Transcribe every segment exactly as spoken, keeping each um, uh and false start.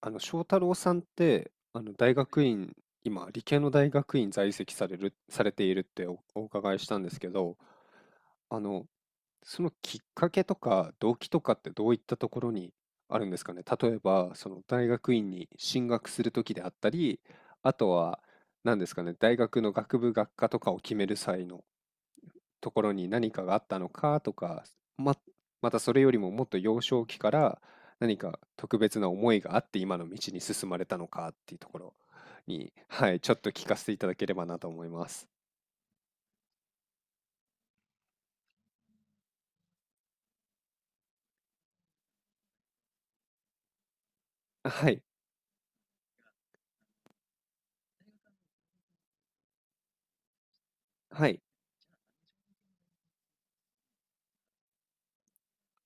あの、翔太郎さんって、あの、大学院、今、理系の大学院在籍される、されているってお、お伺いしたんですけど、あの、そのきっかけとか動機とかってどういったところにあるんですかね。例えば、その大学院に進学するときであったり、あとは、何ですかね、大学の学部学科とかを決める際のところに何かがあったのかとか、ま、またそれよりももっと幼少期から何か特別な思いがあって今の道に進まれたのかっていうところに、はい、ちょっと聞かせていただければなと思います。はい、はい、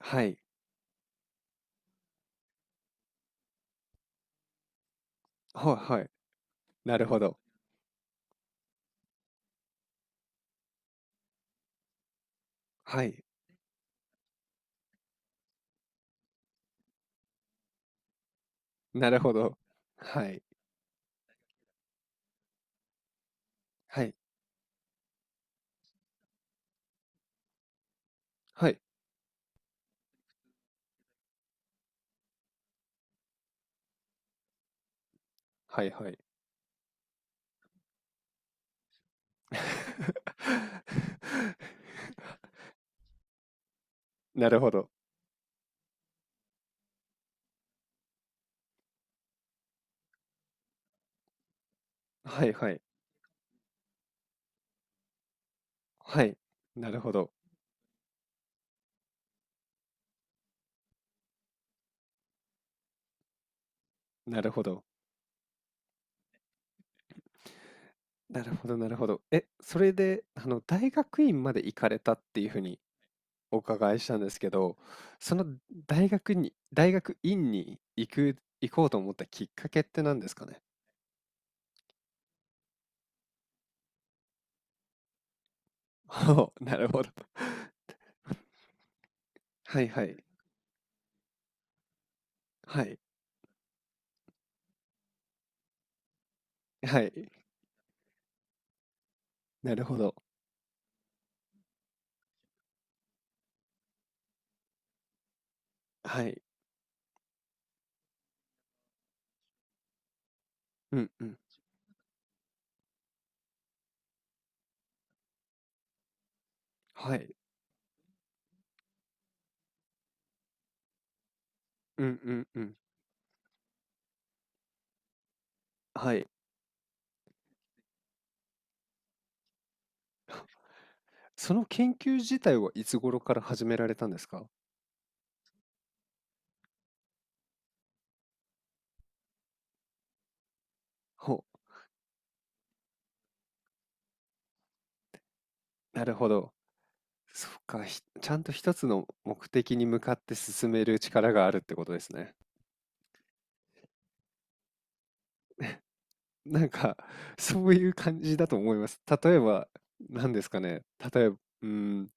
はい、はい、はい。なるほど。はい、なるほど。はい、はい、はい、はい、はい。なるほど。はい、はい、はい。なるほど。なるほど。なるほどなるほど。え、それで、あの、大学院まで行かれたっていう風にお伺いしたんですけど、その大学に大学院に行く行こうと思ったきっかけって何ですかね？ほう、なるほど。はいはい。はい。はい。なるほど。はい。うんうん。はい。うんうんうん。はい。その研究自体はいつ頃から始められたんですか？ほう、なるほど。そっか、ひちゃんと一つの目的に向かって進める力があるってことですね。なんか、そういう感じだと思います。例えば、何ですかね。例えば、うん、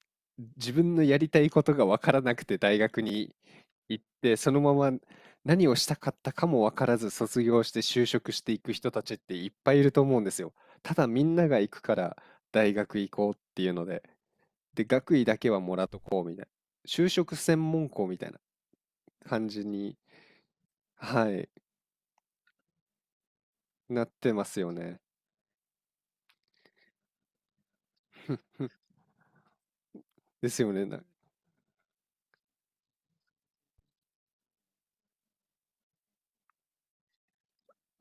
自分のやりたいことがわからなくて大学に行って、そのまま何をしたかったかもわからず卒業して就職していく人たちっていっぱいいると思うんですよ。ただみんなが行くから大学行こうっていうので、で、学位だけはもらうと、就職専門校みたいな感じに、はい、なってますよね。ふふですよね、な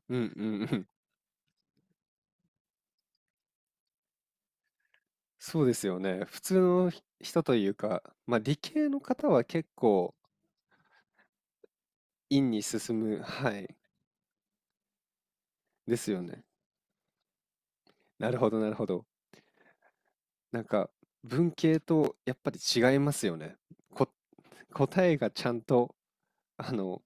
うんうんうん。そうですよね。普通のひ人というか、まあ、理系の方は結構院に進む、はい、ですよね。なるほどなるほど。なんか文系とやっぱり違いますよね。こ、答えがちゃんと、あの、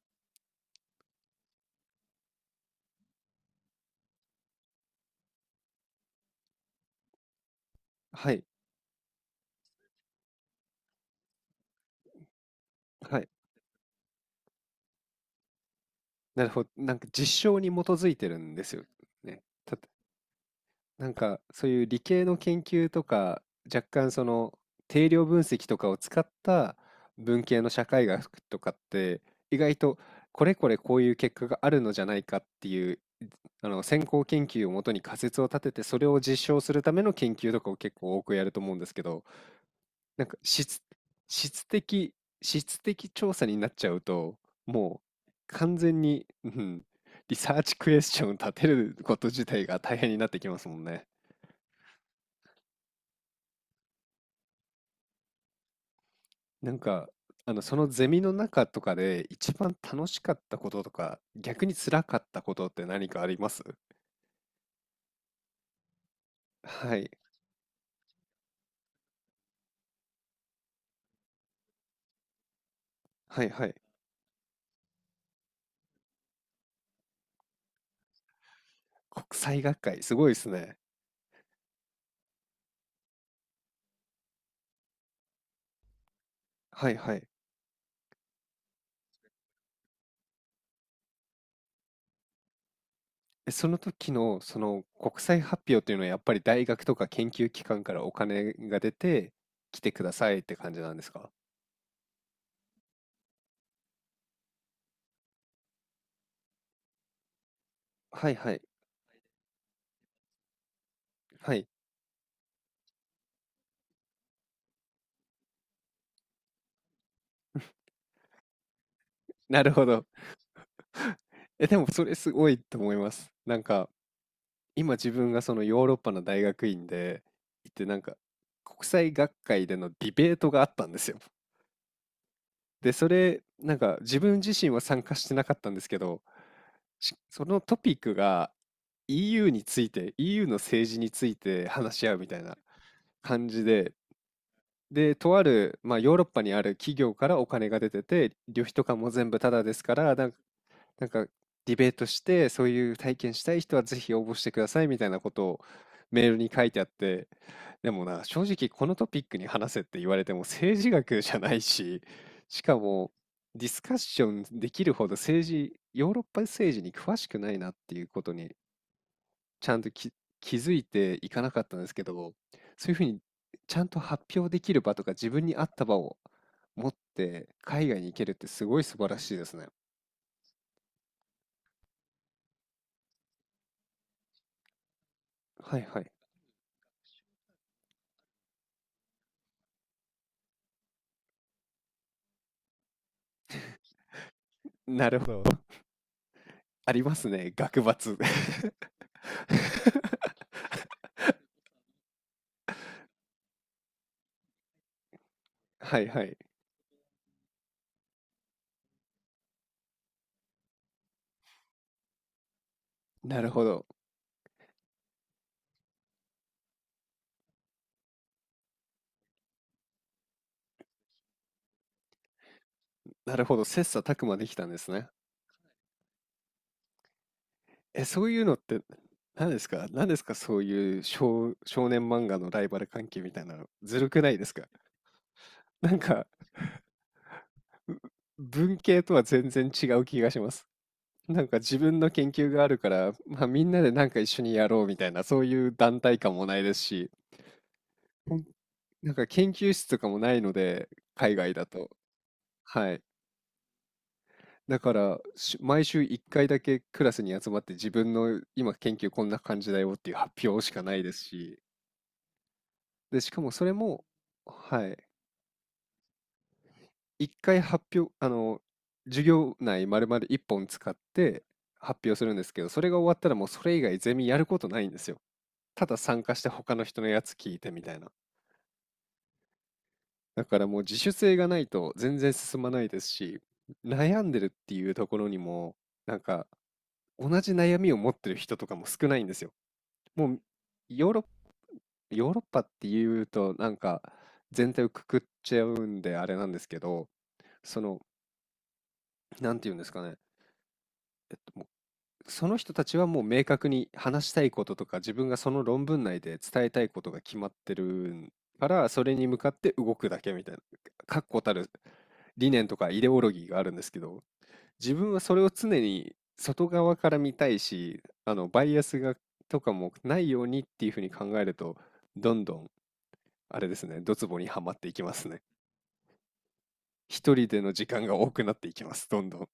はい、はい。なるほど。なんか実証に基づいてるんですよね。たなんかそういう理系の研究とか、若干その定量分析とかを使った文系の社会学とかって、意外とこれこれこういう結果があるのじゃないかっていう、あの先行研究をもとに仮説を立てて、それを実証するための研究とかを結構多くやると思うんですけど、なんか、質質的質的調査になっちゃうと、もう完全に、うん、リサーチクエスチョン立てること自体が大変になってきますもんね。なんか、あの、そのゼミの中とかで一番楽しかったこととか、逆に辛かったことって何かあります？はい、はいはい。国際学会、すごいですね。はいはい。え、その時のその国際発表というのはやっぱり大学とか研究機関からお金が出て来てくださいって感じなんですか？はいはい。はい。なるほど。え、でもそれすごいと思います。なんか今自分がそのヨーロッパの大学院で行ってなんか国際学会でのディベートがあったんですよ。で、それなんか自分自身は参加してなかったんですけど、しそのトピックが エーユー について、エーユー の政治について話し合うみたいな感じで、で、とある、まあ、ヨーロッパにある企業からお金が出てて、旅費とかも全部タダですから、なんか、なんかディベートして、そういう体験したい人はぜひ応募してくださいみたいなことをメールに書いてあって、でもな、正直このトピックに話せって言われても政治学じゃないし、しかもディスカッションできるほど政治、ヨーロッパ政治に詳しくないなっていうことにちゃんとき気づいていかなかったんですけど、そういうふうにちゃんと発表できる場とか自分に合った場を持って海外に行けるってすごい素晴らしいですね。はいはい。なるほど。ありますね。学罰。はいはい。なるほど。なるほど。切磋琢磨できたんですね。え、そういうのって何ですか何ですか、そういう少、少年漫画のライバル関係みたいなの。ずるくないですか？なんか、ぶ文系とは全然違う気がします。なんか自分の研究があるから、まあ、みんなでなんか一緒にやろうみたいな、そういう団体感もないですし、ほんなんか研究室とかもないので、海外だと。はい。だから、し毎週いっかいだけクラスに集まって自分の今研究こんな感じだよっていう発表しかないですし、で、しかもそれも、はい。いっかい発表、あの、授業内丸々いっぽん使って発表するんですけど、それが終わったらもうそれ以外ゼミやることないんですよ。ただ参加して他の人のやつ聞いてみたいな。だからもう自主性がないと全然進まないですし、悩んでるっていうところにも、なんか同じ悩みを持ってる人とかも少ないんですよ。もうヨーロッ、ヨーロッパっていうとなんか全体をくくっちゃうんであれなんですけど、その、なんていうんですかね、もうその人たちはもう明確に話したいこととか自分がその論文内で伝えたいことが決まってるからそれに向かって動くだけみたいな確固たる理念とかイデオロギーがあるんですけど、自分はそれを常に外側から見たいし、あのバイアスがとかもないようにっていうふうに考えると、どんどんあれですね、ドツボにはまっていきますね。一人での時間が多くなっていきますどんどん。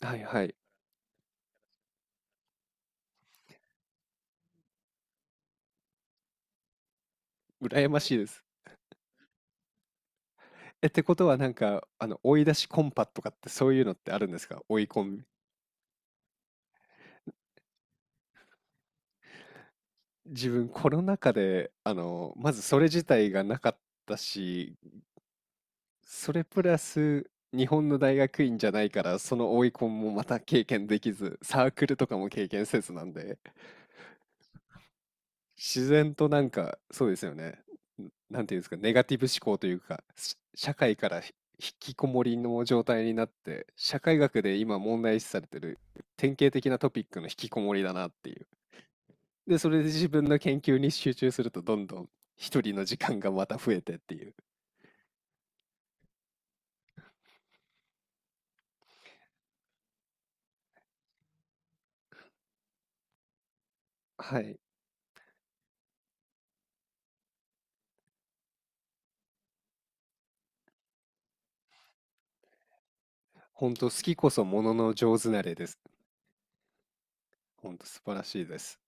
はいはい。羨ましいです。え、ってことはなんか、あの、追い出しコンパとかってそういうのってあるんですか？追いコン。自分コロナ禍で、あの、まずそれ自体がなかったし、それプラス日本の大学院じゃないから、その追いコンもまた経験できず、サークルとかも経験せずなんで、自然となんか、そうですよね。んなんていうんですか、ネガティブ思考というか、し社会からひ引きこもりの状態になって、社会学で今問題視されてる典型的なトピックの引きこもりだなっていう。で、それで自分の研究に集中すると、どんどん一人の時間がまた増えてっていう。はい。本当好きこそものの上手なれです。本当素晴らしいです。